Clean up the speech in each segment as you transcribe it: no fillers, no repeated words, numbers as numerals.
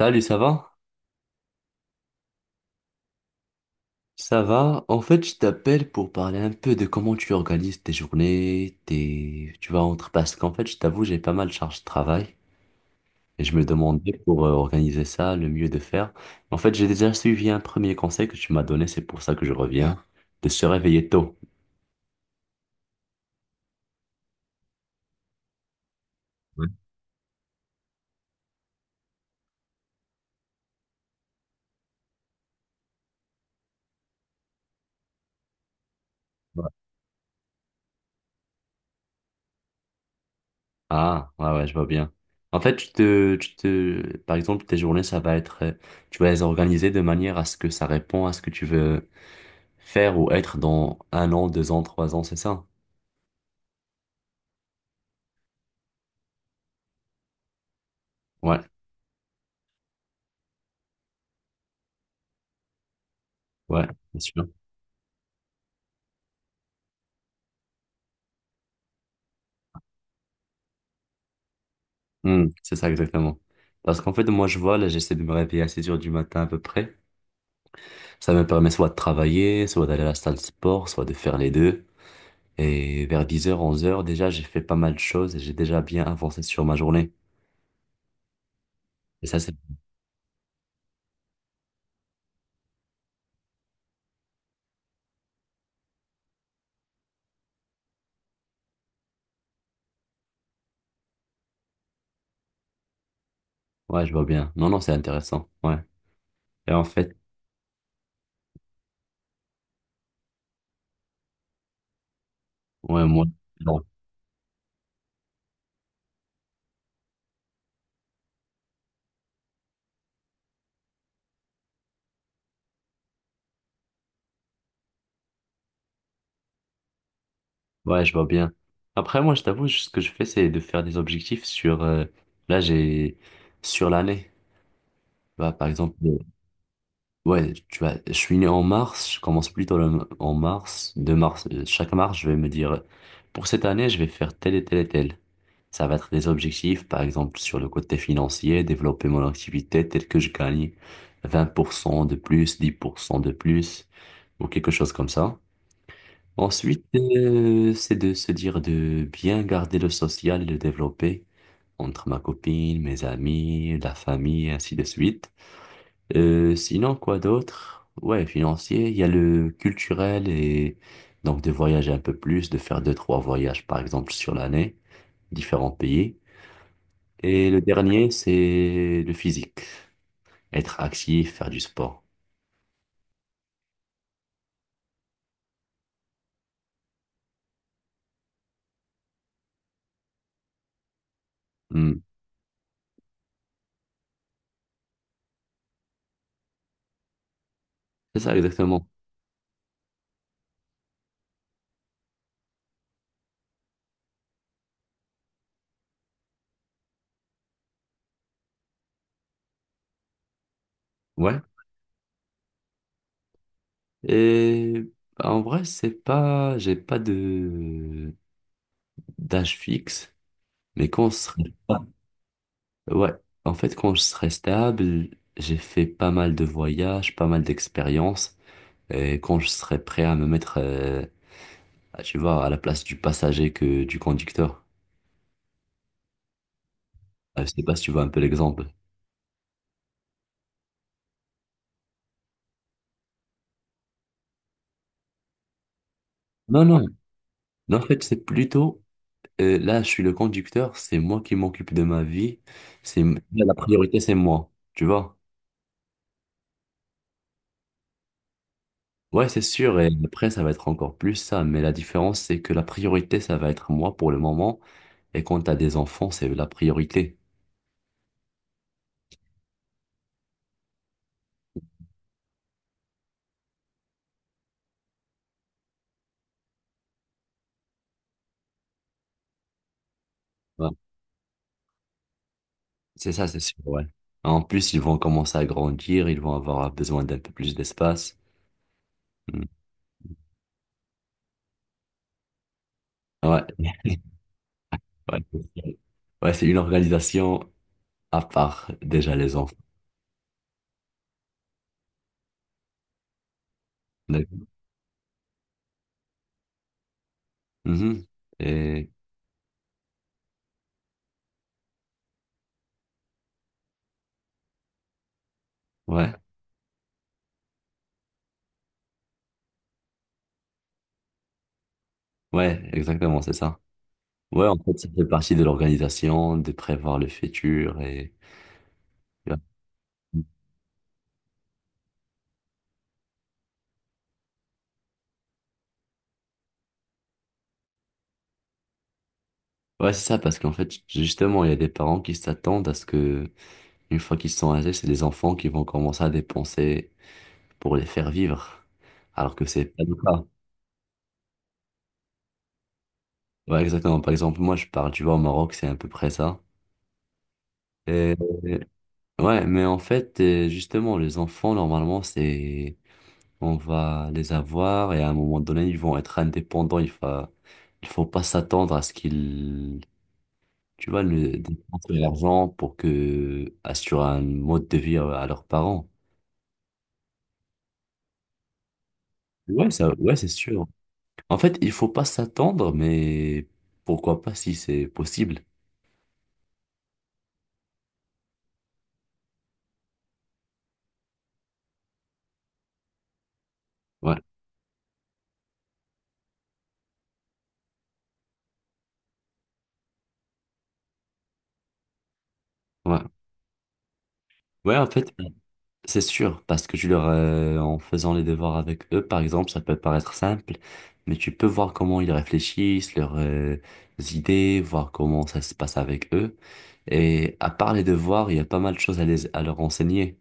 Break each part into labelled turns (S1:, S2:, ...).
S1: Salut, ça va? Ça va? En fait, je t'appelle pour parler un peu de comment tu organises tes journées, tes... tu vas entre... Parce qu'en fait, je t'avoue, j'ai pas mal de charge de travail et je me demandais pour organiser ça, le mieux de faire. En fait, j'ai déjà suivi un premier conseil que tu m'as donné, c'est pour ça que je reviens, de se réveiller tôt. Ah, ouais, ouais, je vois bien. En fait, Par exemple, tes journées, ça va être... Tu vas les organiser de manière à ce que ça répond à ce que tu veux faire ou être dans un an, deux ans, trois ans, c'est ça? Ouais. Ouais, bien sûr. Hmm, c'est ça exactement. Parce qu'en fait, moi, je vois, là, j'essaie de me réveiller à 6 heures du matin à peu près. Ça me permet soit de travailler, soit d'aller à la salle de sport, soit de faire les deux. Et vers 10 heures, 11 heures, déjà, j'ai fait pas mal de choses et j'ai déjà bien avancé sur ma journée. Et ça, c'est... Ouais, je vois bien. Non, non, c'est intéressant. Ouais. Et en fait, ouais, moi, non. Ouais, je vois bien. Après, moi, je t'avoue, ce que je fais, c'est de faire des objectifs sur... Là, j'ai... Sur l'année. Bah, par exemple... Ouais, tu vois, je suis né en mars, je commence plutôt en mars, 2 mars. Chaque mars, je vais me dire, pour cette année, je vais faire tel et tel et tel. Ça va être des objectifs, par exemple, sur le côté financier, développer mon activité telle que je gagne 20% de plus, 10% de plus, ou quelque chose comme ça. Ensuite, c'est de se dire de bien garder le social et le développer entre ma copine, mes amis, la famille, et ainsi de suite. Sinon, quoi d'autre? Ouais, financier, il y a le culturel et donc de voyager un peu plus, de faire deux, trois voyages par exemple sur l'année, différents pays. Et le dernier, c'est le physique, être actif, faire du sport. Hmm, c'est ça exactement. Ouais. Et bah, en vrai, c'est pas, j'ai pas de d'âge fixe, mais quand je serai, ouais, en fait, quand je serai stable, j'ai fait pas mal de voyages, pas mal d'expériences. Et quand je serai prêt à me mettre, tu vois, à la place du passager que du conducteur. Je sais pas si tu vois un peu l'exemple. Non, non, non, en fait, c'est plutôt, là, je suis le conducteur, c'est moi qui m'occupe de ma vie, c'est, la priorité, c'est moi, tu vois. Ouais, c'est sûr, et après, ça va être encore plus ça, mais la différence, c'est que la priorité, ça va être moi pour le moment, et quand t'as des enfants, c'est la priorité. Ouais, c'est ça, c'est sûr, ouais. En plus, ils vont commencer à grandir, ils vont avoir besoin d'un peu plus d'espace. Mm. Ouais. Ouais, c'est ça. Ouais, c'est une organisation à part, déjà, les enfants. D'accord. Mhm. Et ouais, ouais, exactement, c'est ça. Ouais, en fait, ça fait partie de l'organisation, de prévoir le futur et... Ouais, ouais, c'est ça, parce qu'en fait, justement, il y a des parents qui s'attendent à ce que, une fois qu'ils sont âgés, c'est les enfants qui vont commencer à dépenser pour les faire vivre, alors que c'est pas le cas. Ouais, exactement. Par exemple, moi, je parle, tu vois, au Maroc, c'est à peu près ça. Et ouais, mais en fait, justement, les enfants, normalement, c'est, on va les avoir et à un moment donné, ils vont être indépendants. Il faut pas s'attendre à ce qu'ils, tu vois, le, dépensent de l'argent pour que, assurer un mode de vie à leurs parents. Ouais, ça, ouais, c'est sûr. En fait, il faut pas s'attendre, mais pourquoi pas si c'est possible. Ouais, ouais. Ouais, en fait, c'est sûr, parce que tu leur, en faisant les devoirs avec eux, par exemple, ça peut paraître simple, mais tu peux voir comment ils réfléchissent, leurs idées, voir comment ça se passe avec eux. Et à part les devoirs, il y a pas mal de choses à leur enseigner.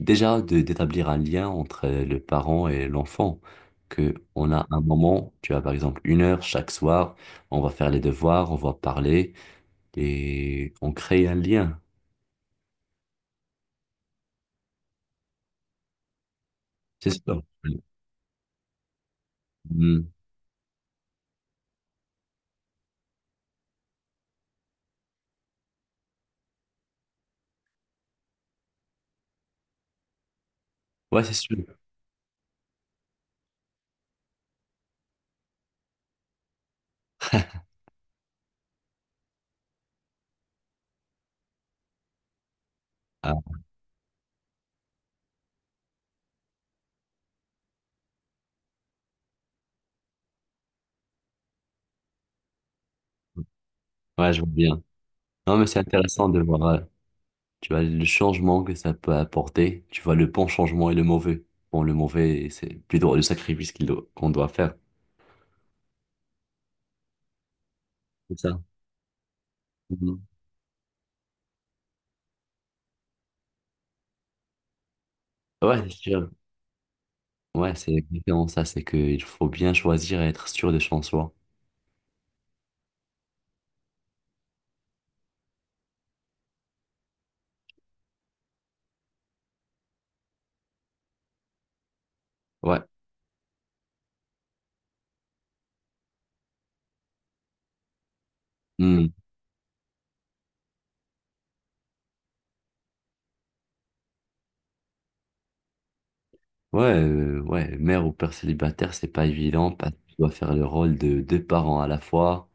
S1: Déjà, d'établir un lien entre le parent et l'enfant, que on a un moment, tu as par exemple une heure chaque soir, on va faire les devoirs, on va parler et on crée un lien. C'est sûr. Mm. Ouais, c'est sûr. Ah, ouais, je vois bien. Non, mais c'est intéressant de voir, tu vois, le changement que ça peut apporter. Tu vois, le bon changement et le mauvais. Bon, le mauvais, c'est plutôt le sacrifice qu'on doit faire. C'est ça. Mhm. Ouais, c'est sûr. Ouais, c'est exactement ça. C'est qu'il faut bien choisir et être sûr de son soi. Ouais. Mhm. Ouais, ouais, mère ou père célibataire, c'est pas évident parce que tu dois faire le rôle de deux parents à la fois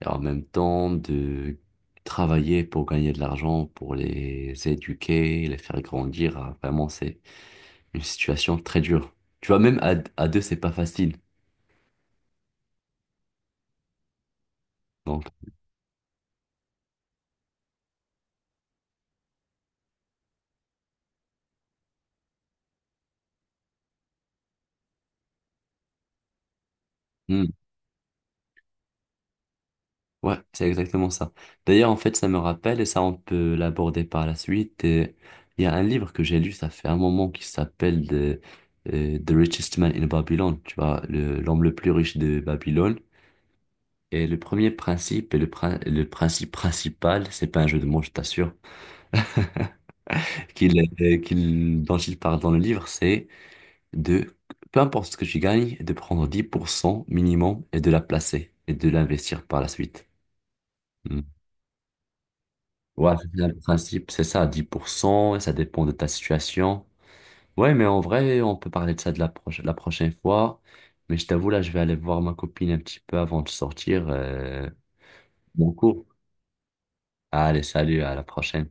S1: et en même temps de travailler pour gagner de l'argent, pour les éduquer, les faire grandir. Ah, vraiment, c'est une situation très dure. Tu vois, même à deux, c'est pas facile. Donc, hmm, ouais, c'est exactement ça. D'ailleurs, en fait, ça me rappelle, et ça, on peut l'aborder par la suite. Et il y a un livre que j'ai lu, ça fait un moment, qui s'appelle The Richest Man in Babylon. Tu vois, l'homme le plus riche de Babylone. Et le premier principe, le principe principal, c'est pas un jeu de mots, je t'assure, dont il parle dans le livre, c'est de, peu importe ce que tu gagnes, de prendre 10% minimum et de la placer et de l'investir par la suite. Hmm. Ouais, c'est ça le principe, c'est ça, 10%, et ça dépend de ta situation. Ouais, mais en vrai, on peut parler de ça de la prochaine fois. Mais je t'avoue, là, je vais aller voir ma copine un petit peu avant de sortir mon cours. Allez, salut, à la prochaine.